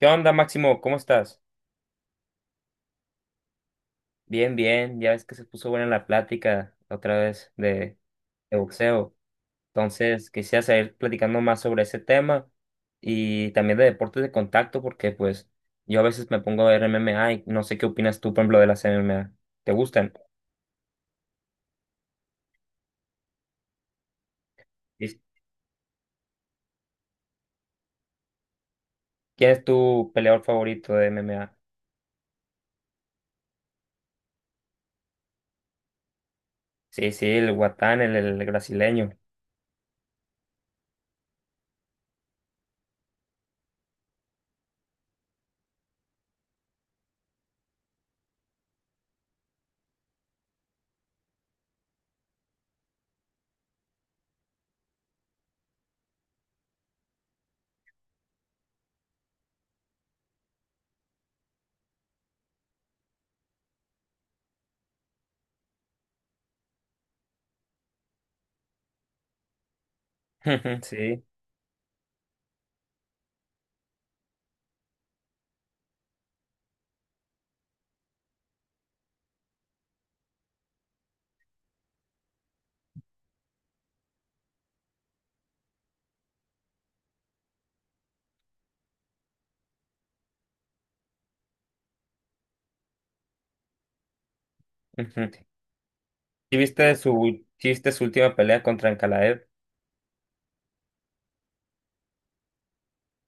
¿Qué onda, Máximo? ¿Cómo estás? Bien, bien. Ya ves que se puso buena la plática otra vez de boxeo. Entonces, quisiera seguir platicando más sobre ese tema y también de deportes de contacto, porque pues yo a veces me pongo a ver MMA y no sé qué opinas tú, por ejemplo, de las MMA. ¿Te gustan? ¿Y ¿Quién es tu peleador favorito de MMA? Sí, sí, el Guatán, el brasileño. Sí. Ujú. ¿Sí viste su última pelea contra Ankalaev?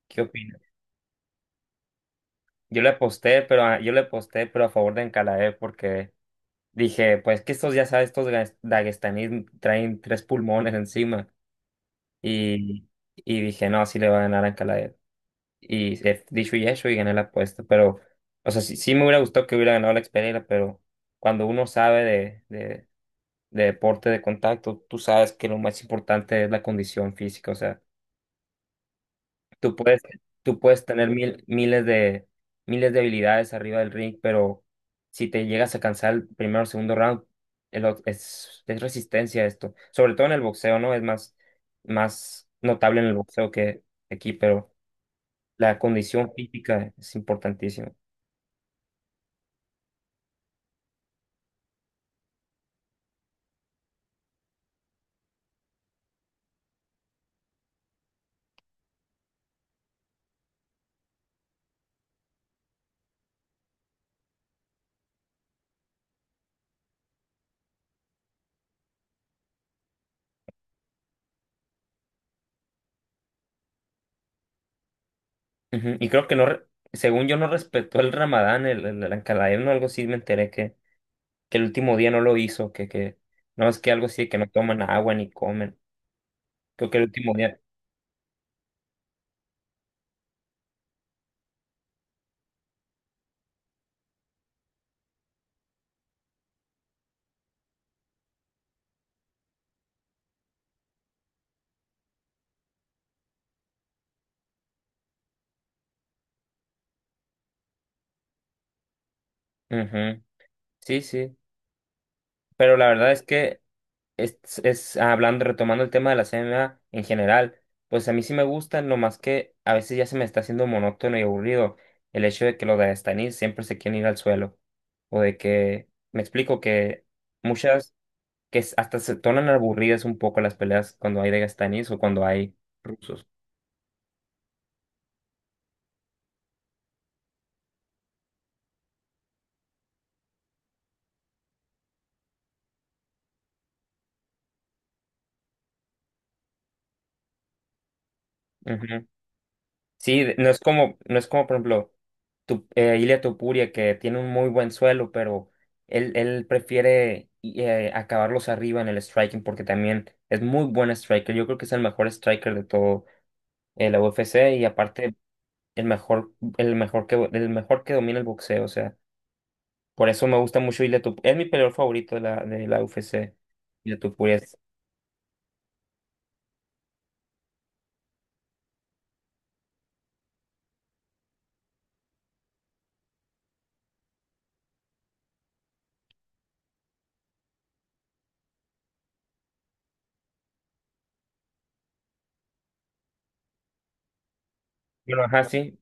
¿Qué opinas? Yo le aposté, pero a favor de Encalaev porque dije, pues que estos, ya sabes, daguestanís traen tres pulmones encima. Y, y dije, no, sí le va a ganar a Encalaev. Y dicho y hecho, y gané la apuesta. Pero, o sea, sí, sí me hubiera gustado que hubiera ganado la Pereira, pero cuando uno sabe de deporte de contacto, tú sabes que lo más importante es la condición física. O sea, Tú puedes, tú puedes tener miles de habilidades arriba del ring, pero si te llegas a cansar el primero o segundo round, es resistencia esto. Sobre todo en el boxeo, ¿no? Es más, más notable en el boxeo que aquí, pero la condición física es importantísima. Ujú. Y creo que no, según yo no respetó el Ramadán, el Ankalaev, no, algo así me enteré que el último día no lo hizo, que no es que algo así, que no toman agua ni comen. Creo que el último día. Ujú. Sí, sí, pero la verdad es que es, es hablando, retomando el tema de la CMA en general, pues a mí sí me gusta, no más que a veces ya se me está haciendo monótono y aburrido el hecho de que los Dagestanis siempre se quieren ir al suelo, o de que, me explico, que muchas, hasta se tornan aburridas un poco las peleas cuando hay Dagestanis o cuando hay rusos. Sí, no es como por ejemplo tu, Ilia Topuria que tiene un muy buen suelo, pero él prefiere acabarlos arriba en el striking porque también es muy buen striker. Yo creo que es el mejor striker de todo la UFC y aparte el mejor, el mejor que domina el boxeo. O sea, por eso me gusta mucho Ilia Topuria. Es mi peleador favorito de la UFC. Ilia Topuria es- Bueno, ajá, sí.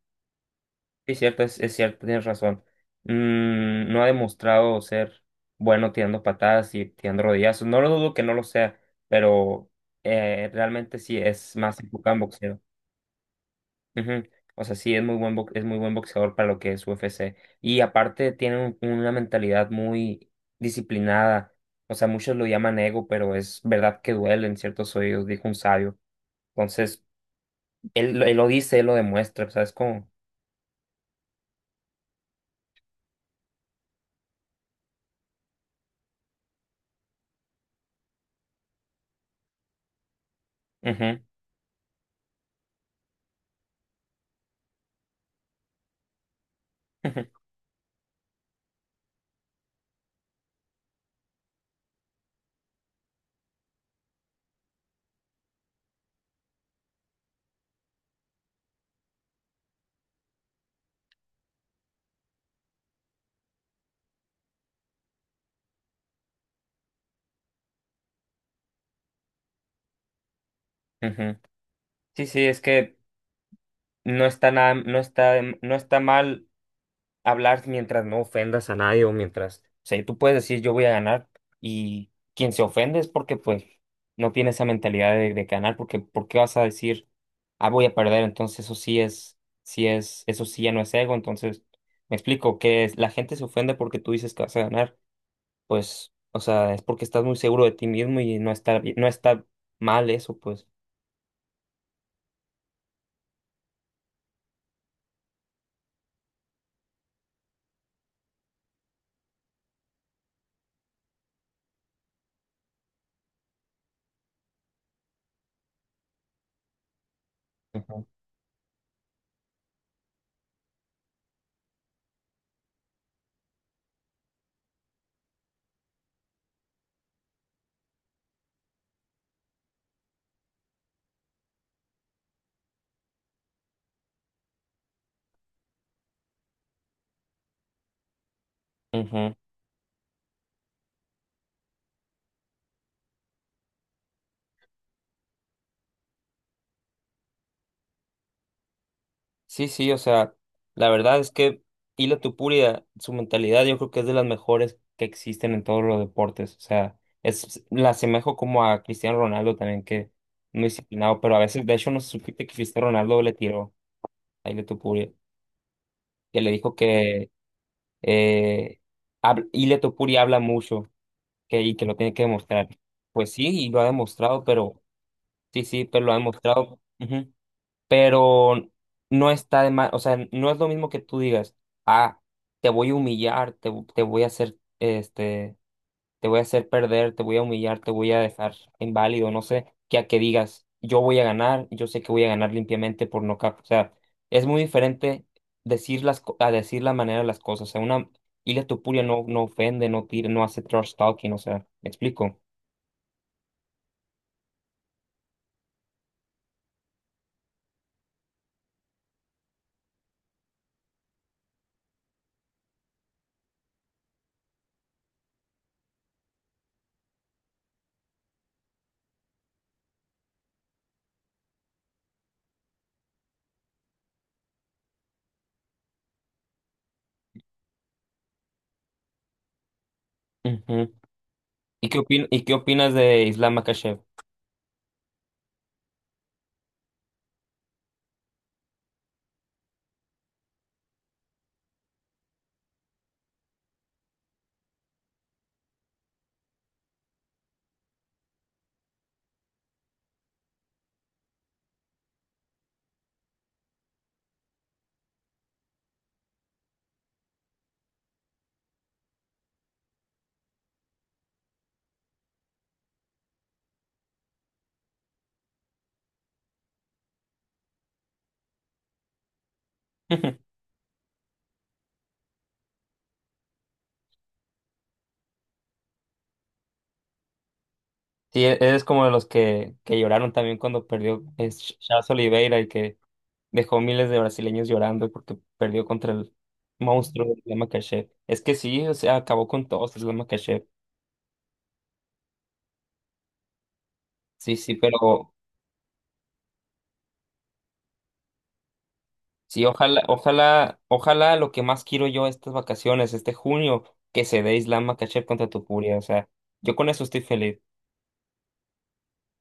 Es cierto, es cierto, tienes razón. No ha demostrado ser bueno tirando patadas y tirando rodillazos. No lo dudo que no lo sea, pero realmente sí es más enfocado en boxeo. Ujú. O sea, sí es muy buen boxeador para lo que es UFC. Y aparte tiene una mentalidad muy disciplinada. O sea, muchos lo llaman ego, pero es verdad que duele en ciertos oídos, dijo un sabio. Entonces, él lo dice, él lo demuestra, ¿sabes cómo? Ujú, ujú, ujú. Sí, sí, es que no está nada, no está, no está mal hablar mientras no ofendas a nadie o mientras, o sea, tú puedes decir yo voy a ganar y quien se ofende es porque pues no tiene esa mentalidad de ganar, porque ¿por qué vas a decir ah voy a perder? Entonces eso sí ya no es ego, entonces me explico que la gente se ofende porque tú dices que vas a ganar, pues, o sea, es porque estás muy seguro de ti mismo y no está mal eso, pues. Ujú, ujú. Sí, sí, o sea, la verdad es que Hila Tupuria, su mentalidad yo creo que es de las mejores que existen en todos los deportes. O sea, la asemejo como a Cristiano Ronaldo también, que muy disciplinado, pero a veces, de hecho, no se supiste que Cristiano Ronaldo le tiró a Hila Tupuria, que le dijo que eh, Hila Topuria habla mucho que, y que lo tiene que demostrar. Pues sí, y lo ha demostrado, pero sí, sí, pero lo ha demostrado. Pero no está de más, o sea, no es lo mismo que tú digas, ah, te voy a humillar, te voy a hacer, te voy a hacer perder, te voy a humillar, te voy a dejar inválido, no sé, que a que digas, yo voy a ganar, yo sé que voy a ganar limpiamente por nocaut, o sea, es muy diferente decir a decir la manera de las cosas, o sea, una Ilia Topuria no, no ofende, no tira, no hace trash talking, o sea, ¿me explico? Ujú. ¿Y qué opinas de Islam Makhachev? Sí, eres como de los que lloraron también cuando perdió es Charles Oliveira, el que dejó miles de brasileños llorando porque perdió contra el monstruo de Islam Makhachev. Es que sí, o sea, acabó con todos Islam Makhachev. Sí, sí, pero sí, ojalá, ojalá, ojalá lo que más quiero yo estas vacaciones, este junio, que se dé Islam Makhachev contra Tupuria. O sea, yo con eso estoy feliz.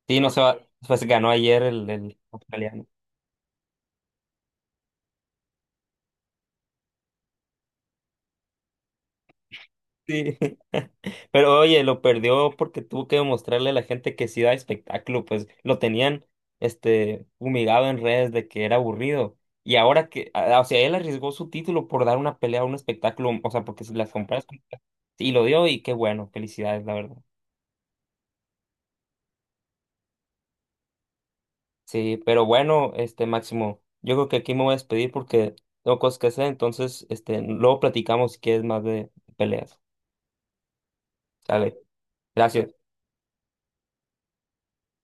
Sí, no se va, pues ganó ayer el australiano. Sí. Pero oye, lo perdió porque tuvo que demostrarle a la gente que sí da espectáculo, pues lo tenían humillado en redes de que era aburrido. Y ahora que, o sea, él arriesgó su título por dar una pelea a un espectáculo, o sea, porque si las compras y lo dio y qué bueno, felicidades, la verdad. Sí, pero bueno, Máximo, yo creo que aquí me voy a despedir porque tengo cosas que hacer, entonces luego platicamos si quieres más de peleas. Sale, gracias.